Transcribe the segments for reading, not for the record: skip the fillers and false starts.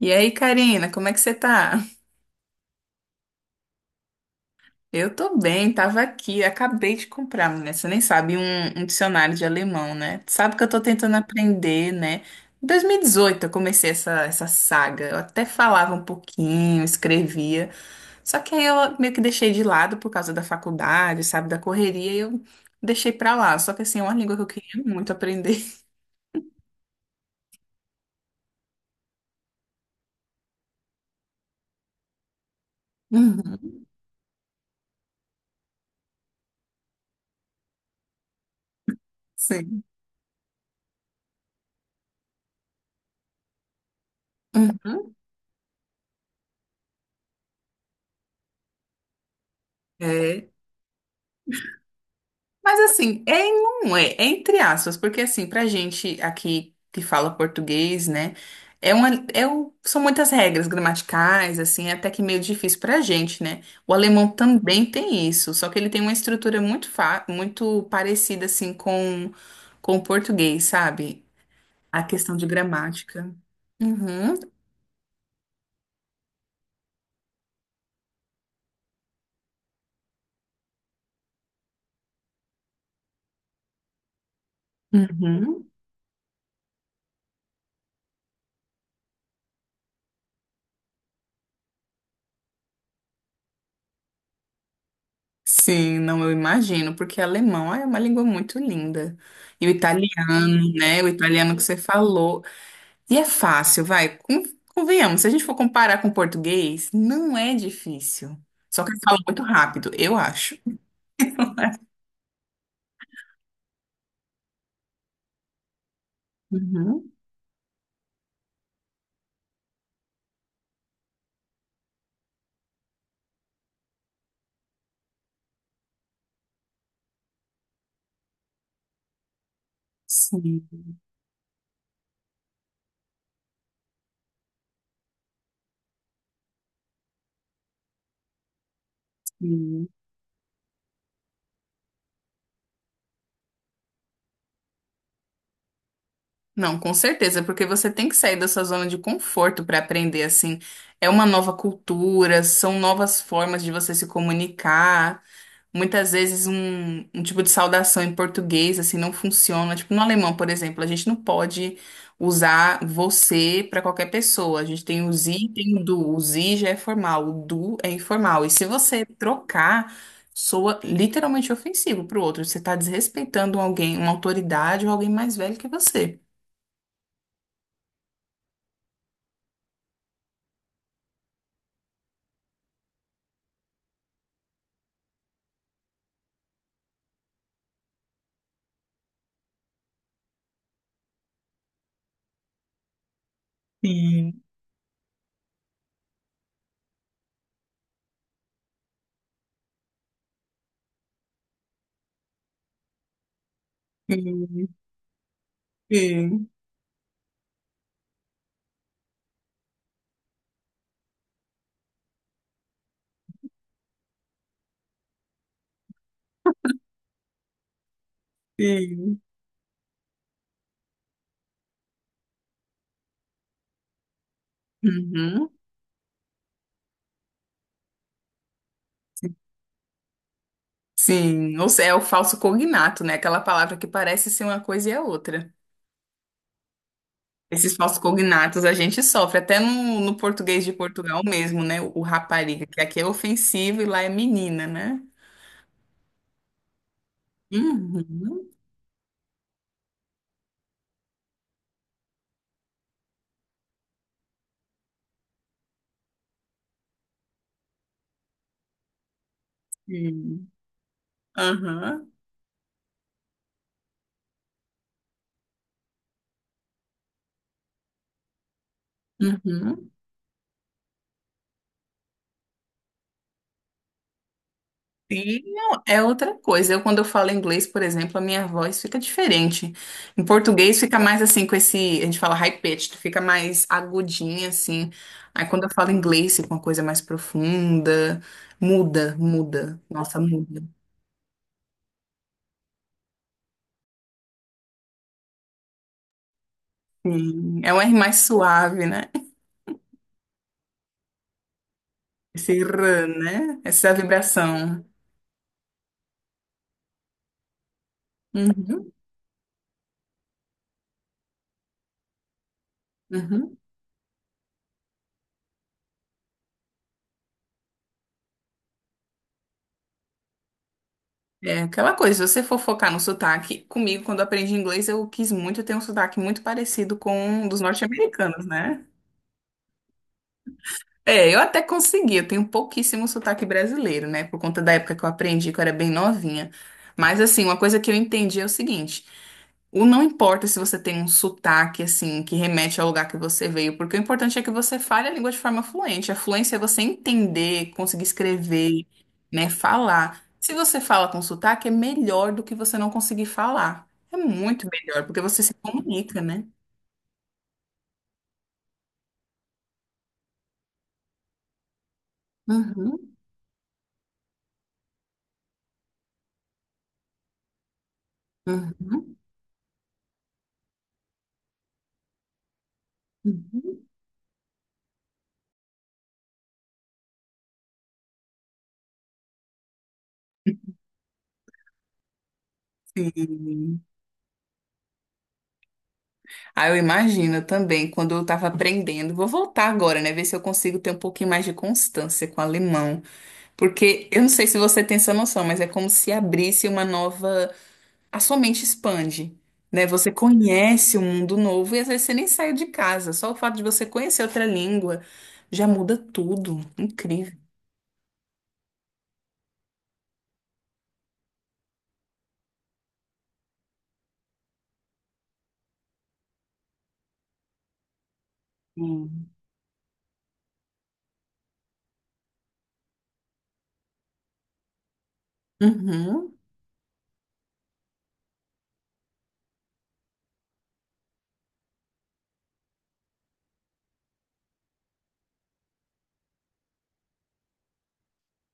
E aí, Karina, como é que você tá? Eu tô bem, tava aqui, acabei de comprar, né? Você nem sabe, um dicionário de alemão, né? Sabe que eu tô tentando aprender, né? Em 2018 eu comecei essa saga. Eu até falava um pouquinho, escrevia, só que aí eu meio que deixei de lado por causa da faculdade, sabe, da correria, e eu deixei pra lá. Só que assim, é uma língua que eu queria muito aprender. Uhum, sim. Uhum. É. Mas assim, é e não é, é entre aspas, porque assim, pra gente aqui que fala português, né, é uma, são muitas regras gramaticais, assim, é até que meio difícil pra gente, né? O alemão também tem isso, só que ele tem uma estrutura muito, fa muito parecida, assim, com o português, sabe? A questão de gramática. Uhum, uhum. Sim, não, eu imagino, porque alemão é uma língua muito linda. E o italiano, né? O italiano que você falou. E é fácil, vai. Convenhamos, se a gente for comparar com o português, não é difícil. Só que eu falo muito rápido, eu acho. Uhum. Sim, sim. Não, com certeza, porque você tem que sair da sua zona de conforto para aprender, assim. É uma nova cultura, são novas formas de você se comunicar. Muitas vezes um tipo de saudação em português assim não funciona. Tipo, no alemão, por exemplo, a gente não pode usar você para qualquer pessoa. A gente tem o sie e tem o du. O sie já é formal, o du é informal. E se você trocar, soa literalmente ofensivo para o outro. Você está desrespeitando alguém, uma autoridade ou alguém mais velho que você. Sim, sim, sim, sim. Uhum. Sim, ou seja, é o falso cognato, né? Aquela palavra que parece ser uma coisa e é outra. Esses falsos cognatos a gente sofre, até no, no português de Portugal mesmo, né? O rapariga, que aqui é ofensivo e lá é menina, né? Uhum. Sim. Aham. Uhum. Sim, não, é outra coisa. Eu, quando eu falo inglês, por exemplo, a minha voz fica diferente. Em português fica mais assim, com esse, a gente fala high pitched, fica mais agudinha, assim. Aí quando eu falo inglês, fica uma coisa mais profunda. Muda, muda. Nossa, muda. Sim. É um R mais suave, né? Esse rã, né? Essa vibração. Uhum, uhum. É aquela coisa, se você for focar no sotaque, comigo, quando eu aprendi inglês, eu quis muito ter um sotaque muito parecido com o dos norte-americanos, né? É, eu até consegui, eu tenho pouquíssimo sotaque brasileiro, né? Por conta da época que eu aprendi, que eu era bem novinha. Mas, assim, uma coisa que eu entendi é o seguinte: o não importa se você tem um sotaque, assim, que remete ao lugar que você veio, porque o importante é que você fale a língua de forma fluente. A fluência é você entender, conseguir escrever, né? Falar. Se você fala com sotaque, é melhor do que você não conseguir falar. É muito melhor, porque você se comunica, né? Uhum, uhum, uhum. Ah, eu imagino também, quando eu estava aprendendo. Vou voltar agora, né? Ver se eu consigo ter um pouquinho mais de constância com o alemão. Porque eu não sei se você tem essa noção, mas é como se abrisse uma nova. A sua mente expande, né? Você conhece um mundo novo e às vezes você nem saiu de casa. Só o fato de você conhecer outra língua já muda tudo. Incrível. Sim. Uhum.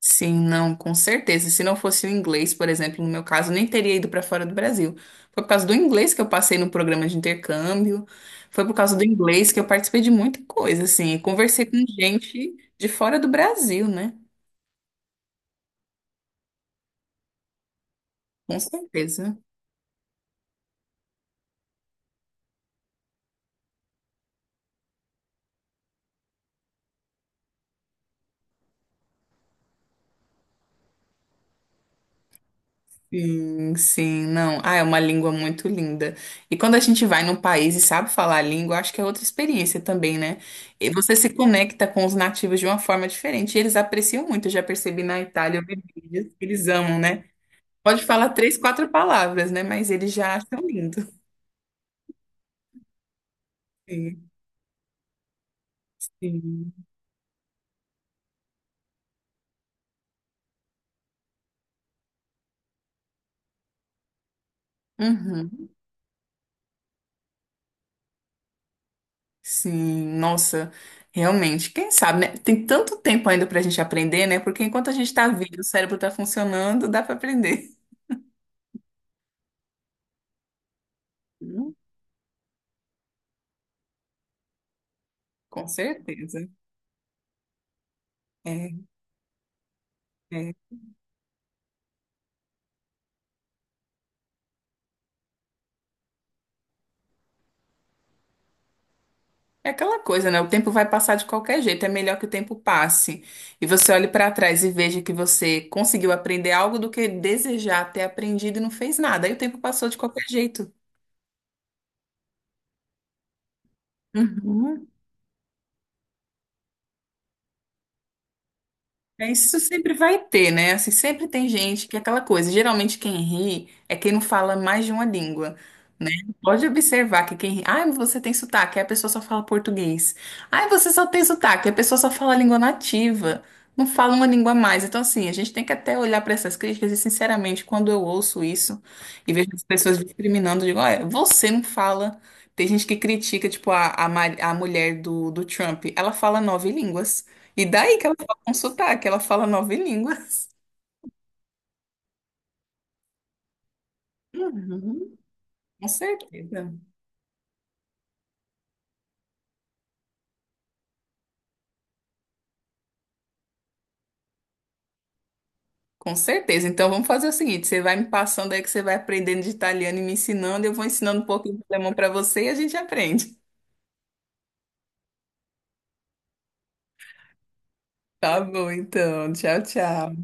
Sim, não, com certeza. Se não fosse o inglês, por exemplo, no meu caso, eu nem teria ido para fora do Brasil. Foi por causa do inglês que eu passei no programa de intercâmbio, foi por causa do inglês que eu participei de muita coisa, assim, e conversei com gente de fora do Brasil, né? Com certeza. Sim, sim, não. Ah, é uma língua muito linda. E quando a gente vai num país e sabe falar a língua, acho que é outra experiência também, né? E você se conecta com os nativos de uma forma diferente. E eles apreciam muito, eu já percebi na Itália, eu vi vídeos, que eles amam, né? Pode falar três, quatro palavras, né? Mas eles já acham lindo. Sim, sim. Uhum. Sim, nossa, realmente, quem sabe, né? Tem tanto tempo ainda pra gente aprender, né? Porque enquanto a gente tá vivo, o cérebro tá funcionando, dá pra aprender. Hum, Com certeza. É, é. É aquela coisa, né? O tempo vai passar de qualquer jeito, é melhor que o tempo passe. E você olhe pra trás e veja que você conseguiu aprender algo do que desejar ter aprendido e não fez nada. Aí o tempo passou de qualquer jeito. Uhum. É, isso sempre vai ter, né? Assim, sempre tem gente que é aquela coisa. Geralmente quem ri é quem não fala mais de uma língua, né? Pode observar que quem ri, ah, você tem sotaque, aí a pessoa só fala português. Ah, você só tem sotaque, aí a pessoa só fala a língua nativa, não fala uma língua a mais. Então, assim, a gente tem que até olhar para essas críticas e, sinceramente, quando eu ouço isso e vejo as pessoas discriminando, eu digo, olha, você não fala. Tem gente que critica, tipo, a mulher do Trump, ela fala 9 línguas. E daí que ela um sotaque, ela fala nove línguas. Uhum. Com certeza. Com certeza. Então vamos fazer o seguinte: você vai me passando aí que você vai aprendendo de italiano e me ensinando, eu vou ensinando um pouquinho de alemão para você e a gente aprende. Tá bom, então. Tchau, tchau.